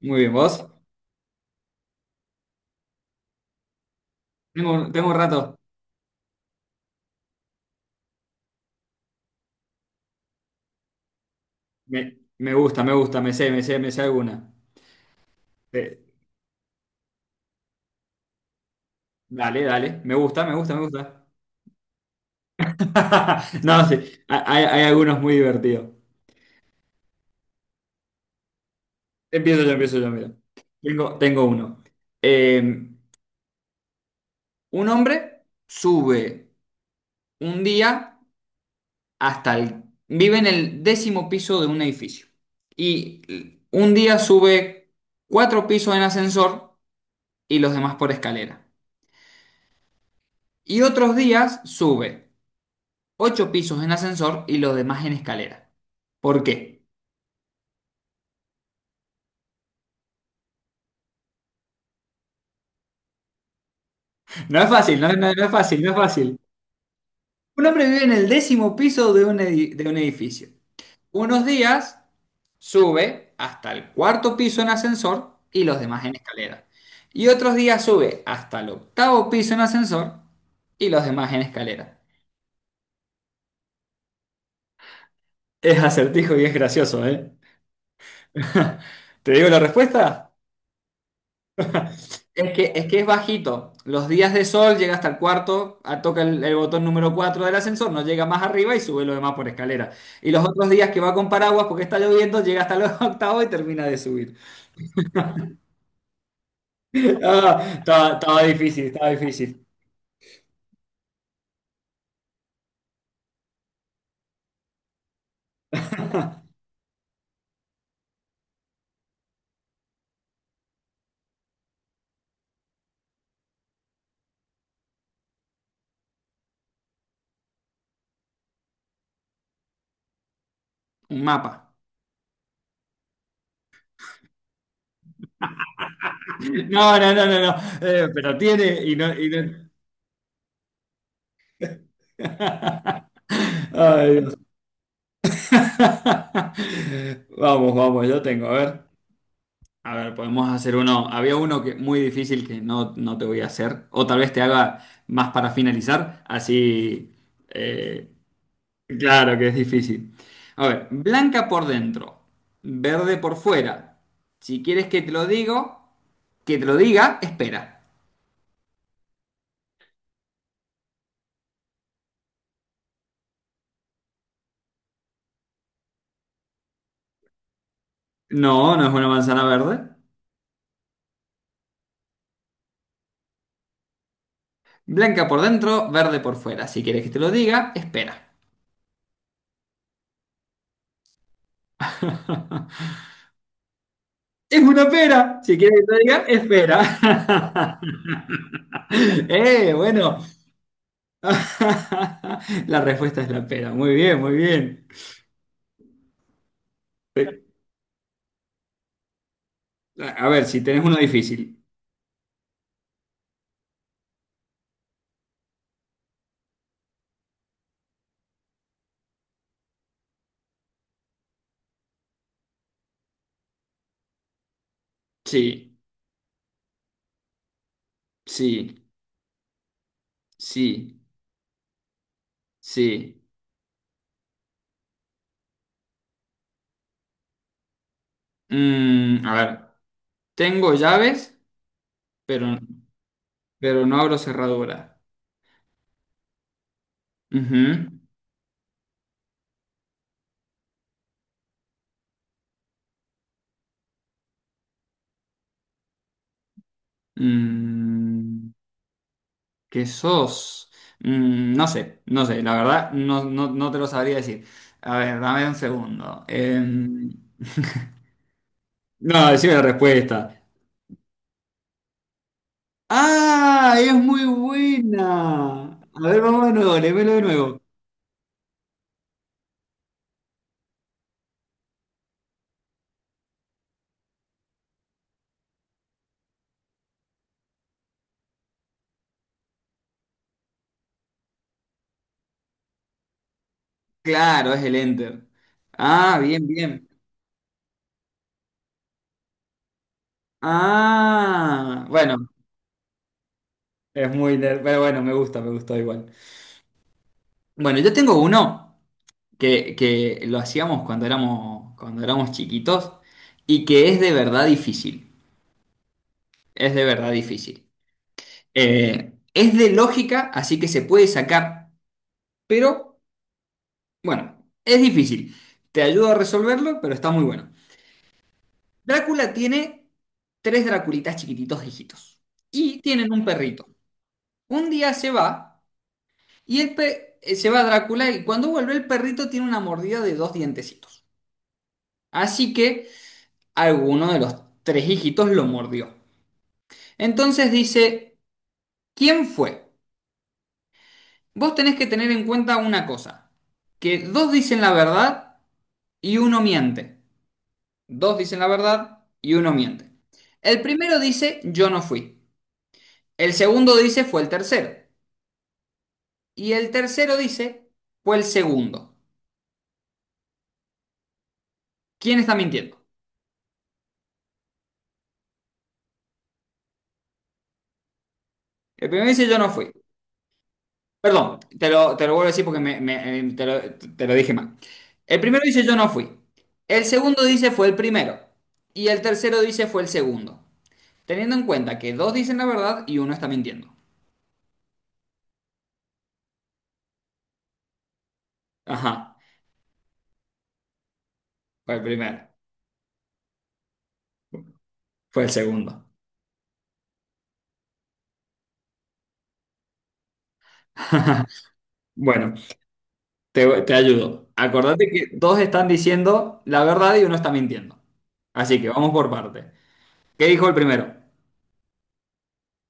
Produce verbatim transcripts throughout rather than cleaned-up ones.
Muy bien, ¿vos? Tengo, un- tengo un rato. Me, me gusta, me gusta, me sé, me sé, me sé alguna. Eh, Dale, dale. Me gusta, me gusta, me gusta. No, sí. ha- Hay, hay algunos muy divertidos. Empiezo yo, empiezo yo, mira. Tengo, tengo uno. Eh, un hombre sube un día hasta el— Vive en el décimo piso de un edificio. Y un día sube cuatro pisos en ascensor y los demás por escalera. Y otros días sube ocho pisos en ascensor y los demás en escalera. ¿Por qué? No es fácil, no, no- no es fácil, no es fácil. Un hombre vive en el décimo piso de un edi- de un edificio. Unos días sube hasta el cuarto piso en ascensor y los demás en escalera. Y otros días sube hasta el octavo piso en ascensor y los demás en escalera. Es acertijo y es gracioso, ¿eh? ¿Te digo la respuesta? Es que, es que es bajito. Los días de sol llega hasta el cuarto, ah, toca el, el botón número cuatro del ascensor, no llega más arriba y sube lo demás por escalera. Y los otros días que va con paraguas porque está lloviendo, llega hasta los octavos y termina de subir. Ah, estaba, estaba difícil, estaba difícil. Un mapa. No, no, no, no, no. Eh, pero tiene y no, y no— Ay, Dios. Vamos, vamos, yo tengo, a ver. A ver, podemos hacer uno. Había uno que muy difícil que no, no te voy a hacer. O tal vez te haga más para finalizar. Así. eh, claro que es difícil. A ver, blanca por dentro, verde por fuera. Si quieres que te lo digo, que te lo diga, espera. No, no es una manzana verde. Blanca por dentro, verde por fuera. Si quieres que te lo diga, espera. Es una pera. Si quieres que te lo diga, espera. Eh, bueno. La respuesta es la pera. Muy bien, muy bien. A a ver, si tenés uno difícil. Sí, sí, sí, sí. Mm, a ver, tengo llaves, pero, pero no abro cerradura. Ujú. Mm, ¿Qué sos? Mm, no sé, no sé, la verdad, no, no, no te lo sabría decir. A ver, dame un segundo. Em, no, decime la respuesta. ¡Ah! Es muy buena. A ver, vamos de nuevo, léemelo de nuevo. Claro, es el Enter. Ah, bien, bien. Ah, bueno, es muy nerd, pero bueno, me gusta, me gustó igual. Bueno, yo tengo uno que, que lo hacíamos cuando éramos, cuando éramos chiquitos y que es de verdad difícil. Es de verdad difícil. Eh, es de lógica, así que se puede sacar, pero bueno, es difícil. Te ayudo a resolverlo, pero está muy bueno. Drácula tiene tres Draculitas chiquititos hijitos y tienen un perrito. Un día se va y el pe- eh, se va Drácula y cuando vuelve el perrito tiene una mordida de dos dientecitos. Así que alguno de los tres hijitos lo mordió. Entonces dice, ¿quién fue? Vos tenés que tener en cuenta una cosa, que dos dicen la verdad y uno miente. Dos dicen la verdad y uno miente. El primero dice, yo no fui. El segundo dice, fue el tercero. Y el tercero dice, fue el segundo. ¿Quién está mintiendo? El primero dice, yo no fui. Perdón, te lo, te lo vuelvo a decir porque me, me- eh, te lo, te lo dije mal. El primero dice, yo no fui. El segundo dice, fue el primero. Y el tercero dice, fue el segundo. Teniendo en cuenta que dos dicen la verdad y uno está mintiendo. Ajá, fue el primero. Fue el segundo. Bueno, te, te ayudo. Acordate que dos están diciendo la verdad y uno está mintiendo. Así que vamos por parte. ¿Qué dijo el primero?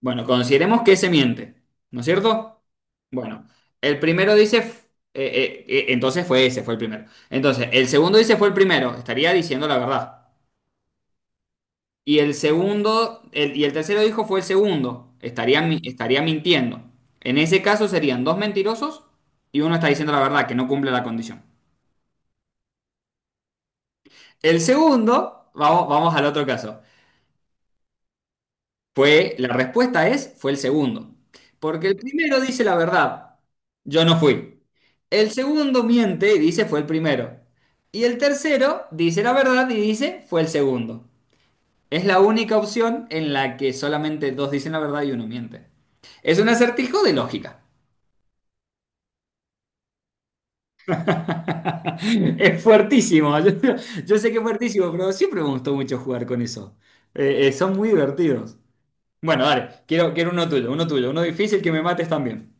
Bueno, consideremos que se miente, ¿no es cierto? Bueno, el primero dice, f- eh, eh, eh, entonces fue ese, fue el primero. Entonces, el segundo dice fue el primero, estaría diciendo la verdad. Y el segundo, el- y el tercero dijo fue el segundo, estaría, mi- estaría mintiendo. En ese caso serían dos mentirosos y uno está diciendo la verdad, que no cumple la condición. El segundo, vamos, vamos al otro caso. Fue, la respuesta es, fue el segundo. Porque el primero dice la verdad, yo no fui. El segundo miente y dice fue el primero. Y el tercero dice la verdad y dice fue el segundo. Es la única opción en la que solamente dos dicen la verdad y uno miente. Es un acertijo de lógica. Es fuertísimo. Yo, yo sé que es fuertísimo, pero siempre me gustó mucho jugar con eso. Eh, eh, son muy divertidos. Bueno, dale, quiero, quiero uno tuyo, uno tuyo, uno difícil que me mates también.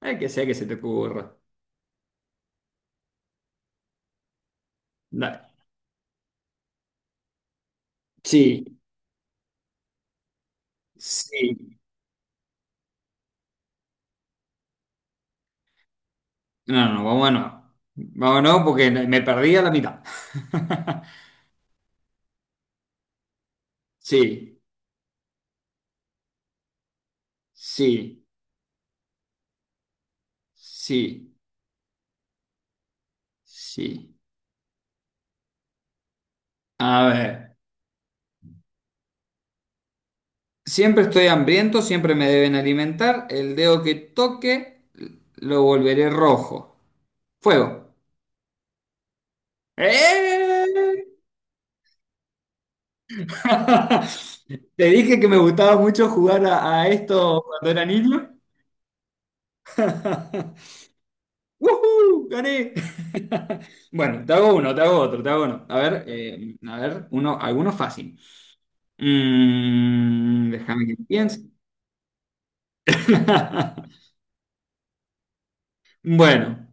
El que sea que se te ocurra. Dale. Sí, sí. No, no, vamos a no. Vamos a no porque me perdí a la mitad. Sí, sí, sí, sí. A ver. Siempre estoy hambriento, siempre me deben alimentar. El dedo que toque lo volveré rojo. Fuego. ¡Eh! Te dije que me gustaba mucho jugar a, a esto cuando era niño. ¡Woohoo! ¡Gané! Bueno, te hago uno, te hago otro, te hago uno. A ver, eh, a ver, uno, alguno fácil. Mm, déjame que piense. Bueno,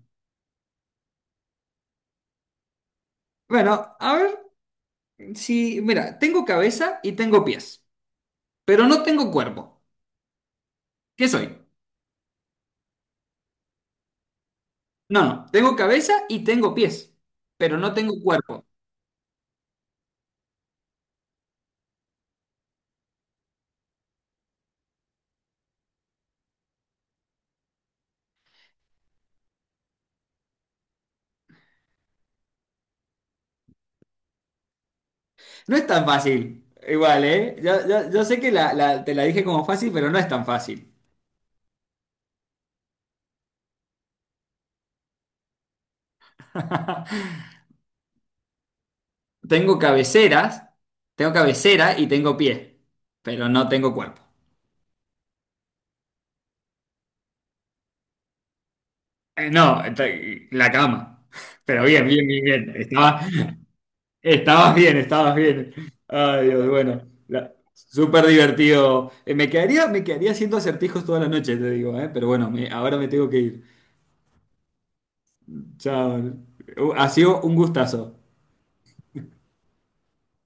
bueno, a ver si, mira, tengo cabeza y tengo pies, pero no tengo cuerpo. ¿Qué soy? No, no, tengo cabeza y tengo pies, pero no tengo cuerpo. No es tan fácil. Igual, ¿eh? Yo, yo- yo sé que la, la- te la dije como fácil, pero no es tan fácil. Tengo cabeceras, Tengo cabecera y tengo pie, pero no tengo cuerpo. Eh, no, ent- la cama. Pero bien, bien, bien, bien. Estaba- estabas bien, estabas bien. Ay, Dios, bueno. La- súper divertido. Eh, me quedaría, me quedaría haciendo acertijos toda la noche, te digo, eh, pero bueno, me- ahora me tengo que ir. Chao. Uh, Ha sido un gustazo.